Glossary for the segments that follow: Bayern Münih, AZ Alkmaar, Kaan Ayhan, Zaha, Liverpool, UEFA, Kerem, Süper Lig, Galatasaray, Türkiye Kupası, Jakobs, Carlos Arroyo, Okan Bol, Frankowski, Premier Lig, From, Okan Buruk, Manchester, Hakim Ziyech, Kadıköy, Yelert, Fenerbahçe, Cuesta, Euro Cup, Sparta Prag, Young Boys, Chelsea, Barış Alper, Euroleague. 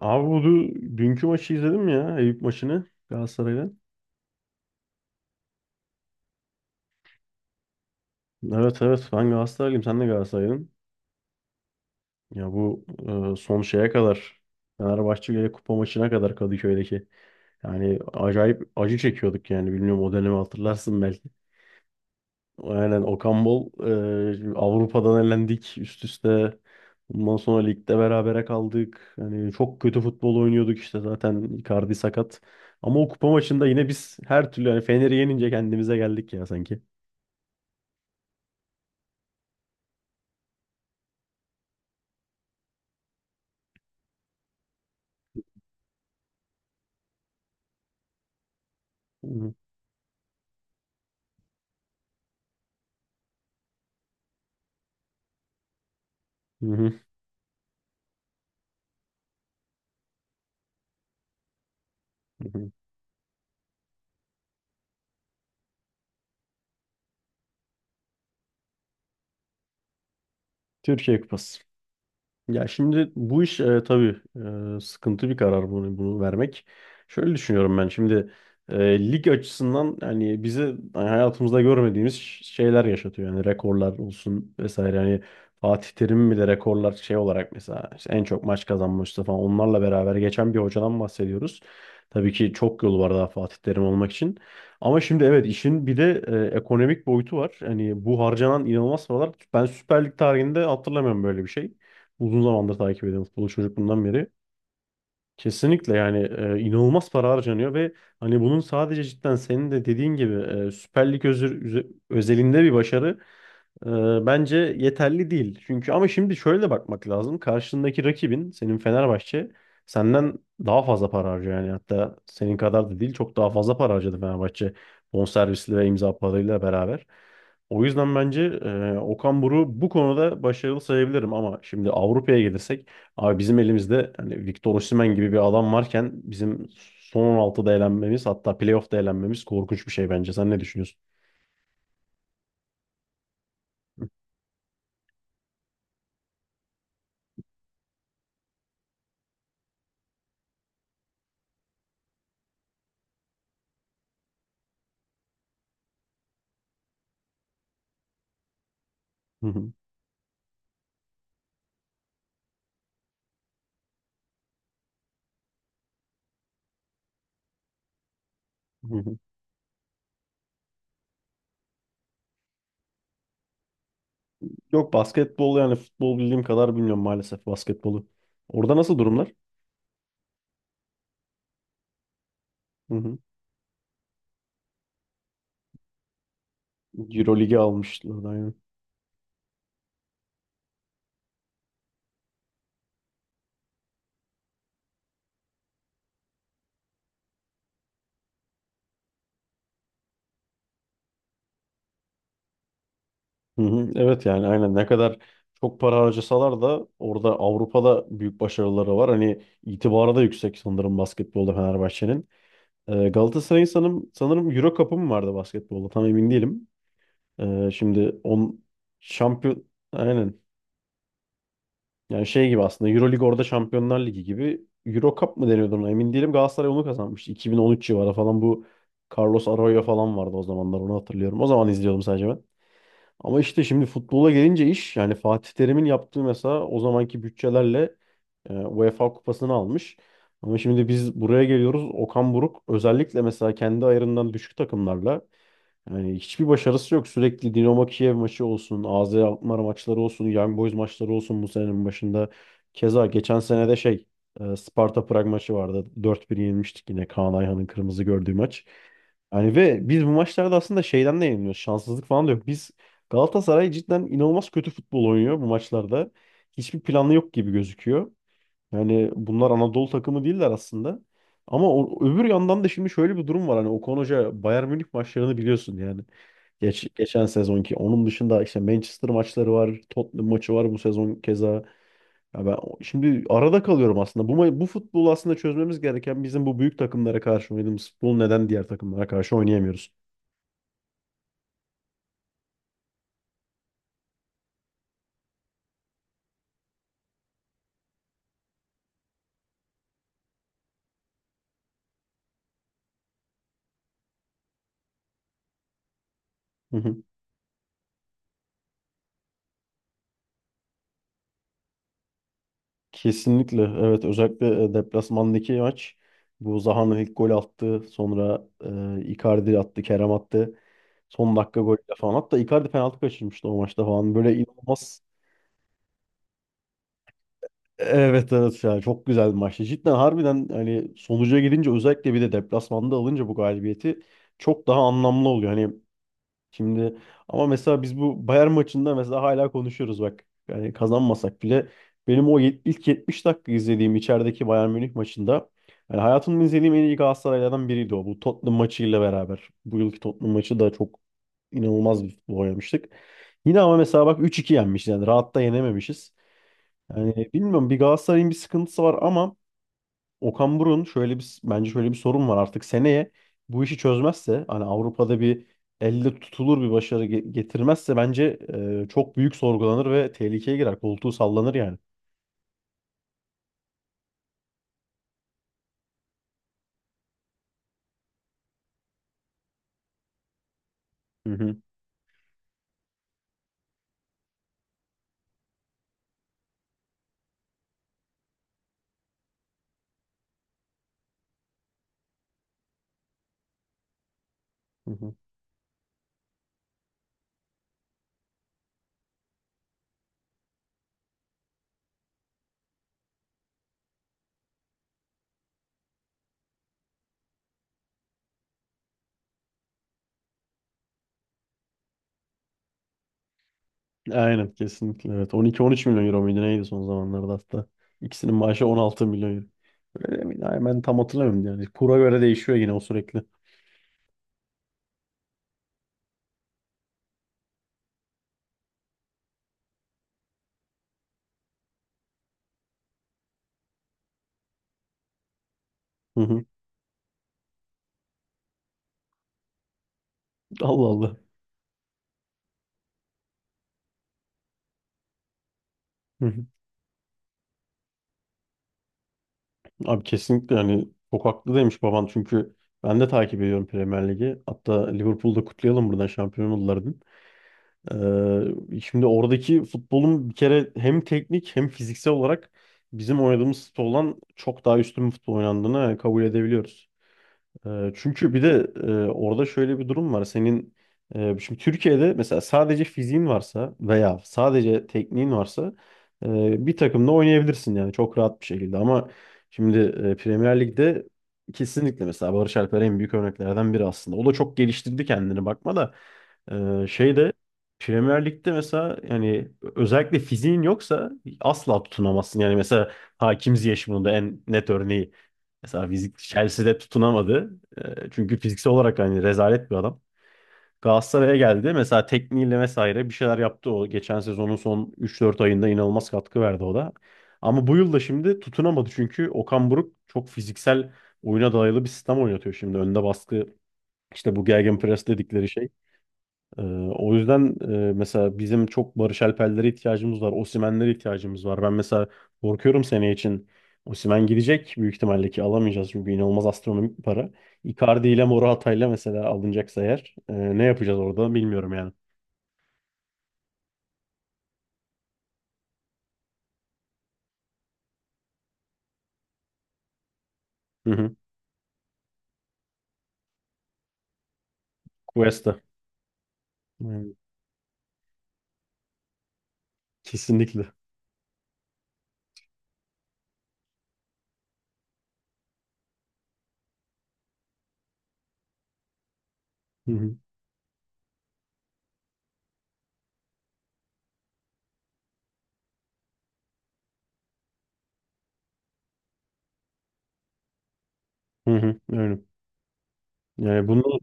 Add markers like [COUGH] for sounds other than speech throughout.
Abi bu dünkü maçı izledim ya. Eyüp maçını Galatasaray'la. Evet evet ben Galatasaraylıyım. Sen de Galatasaraylısın. Ya bu son şeye kadar Fenerbahçe ile kupa maçına kadar Kadıköy'deki. Yani acayip acı çekiyorduk yani. Bilmiyorum, o dönemi hatırlarsın belki. Aynen, Okan Bol Avrupa'dan elendik üst üste. Bundan sonra ligde berabere kaldık. Yani çok kötü futbol oynuyorduk işte, zaten Icardi sakat. Ama o kupa maçında yine biz her türlü hani Fener'i yenince kendimize geldik ya sanki. Hı hı, hı hı, hı hı. Türkiye Kupası. Ya şimdi bu iş tabii sıkıntı bir karar bunu vermek. Şöyle düşünüyorum ben şimdi, lig açısından yani bize hani hayatımızda görmediğimiz şeyler yaşatıyor. Yani rekorlar olsun vesaire. Yani Fatih Terim bile rekorlar şey olarak mesela işte en çok maç kazanmıştı falan, onlarla beraber geçen bir hocadan bahsediyoruz. Tabii ki çok yolu var daha Fatih Terim olmak için. Ama şimdi evet, işin bir de ekonomik boyutu var. Hani bu harcanan inanılmaz paralar. Ben Süper Lig tarihinde hatırlamıyorum böyle bir şey, uzun zamandır takip ediyorum futbolu çocukluğumdan beri. Kesinlikle yani, inanılmaz para harcanıyor ve hani bunun sadece cidden senin de dediğin gibi Süper Lig özelinde bir başarı e, bence yeterli değil. Çünkü ama şimdi şöyle de bakmak lazım. Karşındaki rakibin, senin Fenerbahçe senden daha fazla para harcıyor yani, hatta senin kadar da değil, çok daha fazla para harcadı Fenerbahçe bonservisli ve imza parayla beraber. O yüzden bence Okan Buruk'u bu konuda başarılı sayabilirim, ama şimdi Avrupa'ya gelirsek, abi bizim elimizde hani Victor Osimhen gibi bir adam varken bizim son 16'da elenmemiz, hatta playoff'ta elenmemiz korkunç bir şey bence. Sen ne düşünüyorsun? Hı hı, hı hı, hı. Yok, basketbol yani futbol bildiğim kadar bilmiyorum maalesef, basketbolu. Orada nasıl durumlar? Hı hı. Euroleague'i almışlar aynen. Hı hı. Evet, yani aynen, ne kadar çok para harcasalar da orada Avrupa'da büyük başarıları var. Hani itibarı da yüksek sanırım basketbolda Fenerbahçe'nin. Galatasaray'ın sanırım, sanırım Euro Cup'ı mı vardı basketbolda, tam emin değilim. Şimdi on şampiyon aynen, yani şey gibi aslında Euroleague orada Şampiyonlar Ligi gibi, Euro Cup mı deniyordu ona emin değilim. Galatasaray onu kazanmıştı 2013 civarı falan, bu Carlos Arroyo falan vardı o zamanlar, onu hatırlıyorum. O zaman izliyordum sadece ben. Ama işte şimdi futbola gelince iş, yani Fatih Terim'in yaptığı mesela o zamanki bütçelerle UEFA kupasını almış. Ama şimdi biz buraya geliyoruz. Okan Buruk özellikle mesela kendi ayarından düşük takımlarla yani hiçbir başarısı yok. Sürekli Dinamo Kiev maçı olsun, AZ Alkmaar maçları olsun, Young Boys maçları olsun bu senenin başında. Keza geçen sene de şey, Sparta Prag maçı vardı. Dört 1 yenilmiştik yine, Kaan Ayhan'ın kırmızı gördüğü maç. Yani ve biz bu maçlarda aslında şeyden de yeniliyoruz. Şanssızlık falan da yok. Biz Galatasaray cidden inanılmaz kötü futbol oynuyor bu maçlarda. Hiçbir planı yok gibi gözüküyor. Yani bunlar Anadolu takımı değiller aslında. Ama öbür yandan da şimdi şöyle bir durum var. Hani Okan Hoca Bayern Münih maçlarını biliyorsun yani. Geçen sezonki. Onun dışında işte Manchester maçları var. Tottenham maçı var bu sezon keza. Ya ben şimdi arada kalıyorum aslında. Bu futbolu aslında çözmemiz gereken, bizim bu büyük takımlara karşı oynadığımız futbol neden diğer takımlara karşı oynayamıyoruz? [LAUGHS] Kesinlikle evet, özellikle deplasmandaki maç, bu Zaha'nın ilk golü attı, sonra Icardi attı, Kerem attı son dakika golüyle falan, hatta Icardi penaltı kaçırmıştı o maçta falan, böyle inanılmaz. Evet evet, ya çok güzel bir maçtı cidden harbiden, hani sonuca gidince özellikle, bir de deplasmanda alınca bu galibiyeti çok daha anlamlı oluyor hani. Şimdi ama mesela biz bu Bayern maçında mesela hala konuşuyoruz bak. Yani kazanmasak bile, benim o ilk 70 dakika izlediğim içerideki Bayern Münih maçında yani hayatımda izlediğim en iyi Galatasaraylardan biriydi o. Bu Tottenham maçıyla beraber. Bu yılki Tottenham maçı da çok inanılmaz bir futbol oynamıştık. Yine ama mesela bak, 3-2 yenmiş yani rahat da yenememişiz. Yani bilmiyorum, bir Galatasaray'ın bir sıkıntısı var ama Okan Buruk'un şöyle bir, bence şöyle bir sorun var artık. Seneye bu işi çözmezse, hani Avrupa'da bir elle tutulur bir başarı getirmezse bence çok büyük sorgulanır ve tehlikeye girer. Koltuğu sallanır yani. Hı hı, hı hı. Aynen, kesinlikle evet. 12-13 milyon euro muydu neydi son zamanlarda hatta. İkisinin maaşı 16 milyon euro. Öyle miydi? Ay, ben tam hatırlamıyorum yani. Kura göre değişiyor yine o sürekli. Hı hı. Allah Allah. Hı hı. Abi kesinlikle, yani çok haklı demiş baban, çünkü ben de takip ediyorum Premier Ligi. Hatta Liverpool'da, kutlayalım buradan, şampiyon oldular dün. Şimdi oradaki futbolun bir kere hem teknik hem fiziksel olarak bizim oynadığımız futboldan çok daha üstün bir futbol oynandığını yani kabul edebiliyoruz. Çünkü bir de orada şöyle bir durum var. Senin şimdi Türkiye'de mesela sadece fiziğin varsa veya sadece tekniğin varsa bir takımda oynayabilirsin yani çok rahat bir şekilde. Ama şimdi Premier Lig'de kesinlikle mesela Barış Alper en büyük örneklerden biri aslında. O da çok geliştirdi kendini, bakma da şeyde, Premier Lig'de mesela yani özellikle fiziğin yoksa asla tutunamazsın. Yani mesela Hakim Ziyech bunun da en net örneği. Mesela fizik Chelsea'de tutunamadı. Çünkü fiziksel olarak hani rezalet bir adam. Galatasaray'a geldi. Mesela tekniğiyle vesaire bir şeyler yaptı o. Geçen sezonun son üç dört ayında inanılmaz katkı verdi o da. Ama bu yıl da şimdi tutunamadı çünkü Okan Buruk çok fiziksel oyuna dayalı bir sistem oynatıyor şimdi. Önde baskı, işte bu gegenpress dedikleri şey. Ee, o yüzden mesela bizim çok Barış Alper'lere ihtiyacımız var. Osimhen'lere ihtiyacımız var. Ben mesela korkuyorum seneye için. Osimhen gidecek büyük ihtimalle ki alamayacağız, çünkü inanılmaz astronomik bir para. Icardi ile Morata ile mesela alınacaksa eğer, ne yapacağız orada bilmiyorum yani. Hı hı. Cuesta. Yani kesinlikle. Hı hı. Hı hı. Öyle. Yani bunu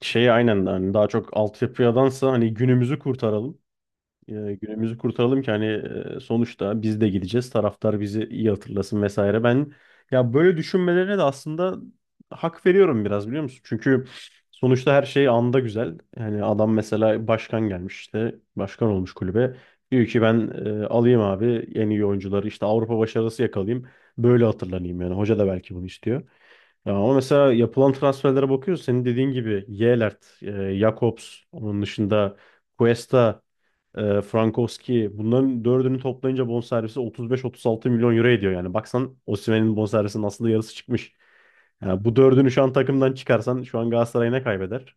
şey aynen, hani daha çok altyapıdansa hani günümüzü kurtaralım. Günümüzü kurtaralım ki hani Sonuçta biz de gideceğiz. Taraftar bizi iyi hatırlasın vesaire. Ben ya böyle düşünmelerine de aslında hak veriyorum biraz, biliyor musun? Çünkü sonuçta her şey anda güzel. Yani adam mesela başkan gelmiş işte, başkan olmuş kulübe. Diyor ki, ben alayım abi en iyi oyuncuları, işte Avrupa başarısı yakalayayım. Böyle hatırlanayım yani. Hoca da belki bunu istiyor. Ya ama mesela yapılan transferlere bakıyoruz. Senin dediğin gibi Yelert, Jakobs, onun dışında Cuesta, Frankowski, bunların dördünü toplayınca bonservisi 35-36 milyon euro ediyor. Yani baksan Osimhen'in bonservisinin aslında yarısı çıkmış. Yani bu dördünü şu an takımdan çıkarsan şu an Galatasaray ne kaybeder?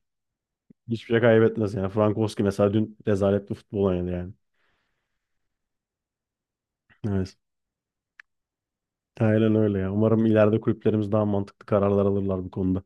Hiçbir şey kaybetmez yani. Frankowski mesela dün rezalet bir futbol oynadı yani. Evet. Aynen öyle ya. Umarım ileride kulüplerimiz daha mantıklı kararlar alırlar bu konuda.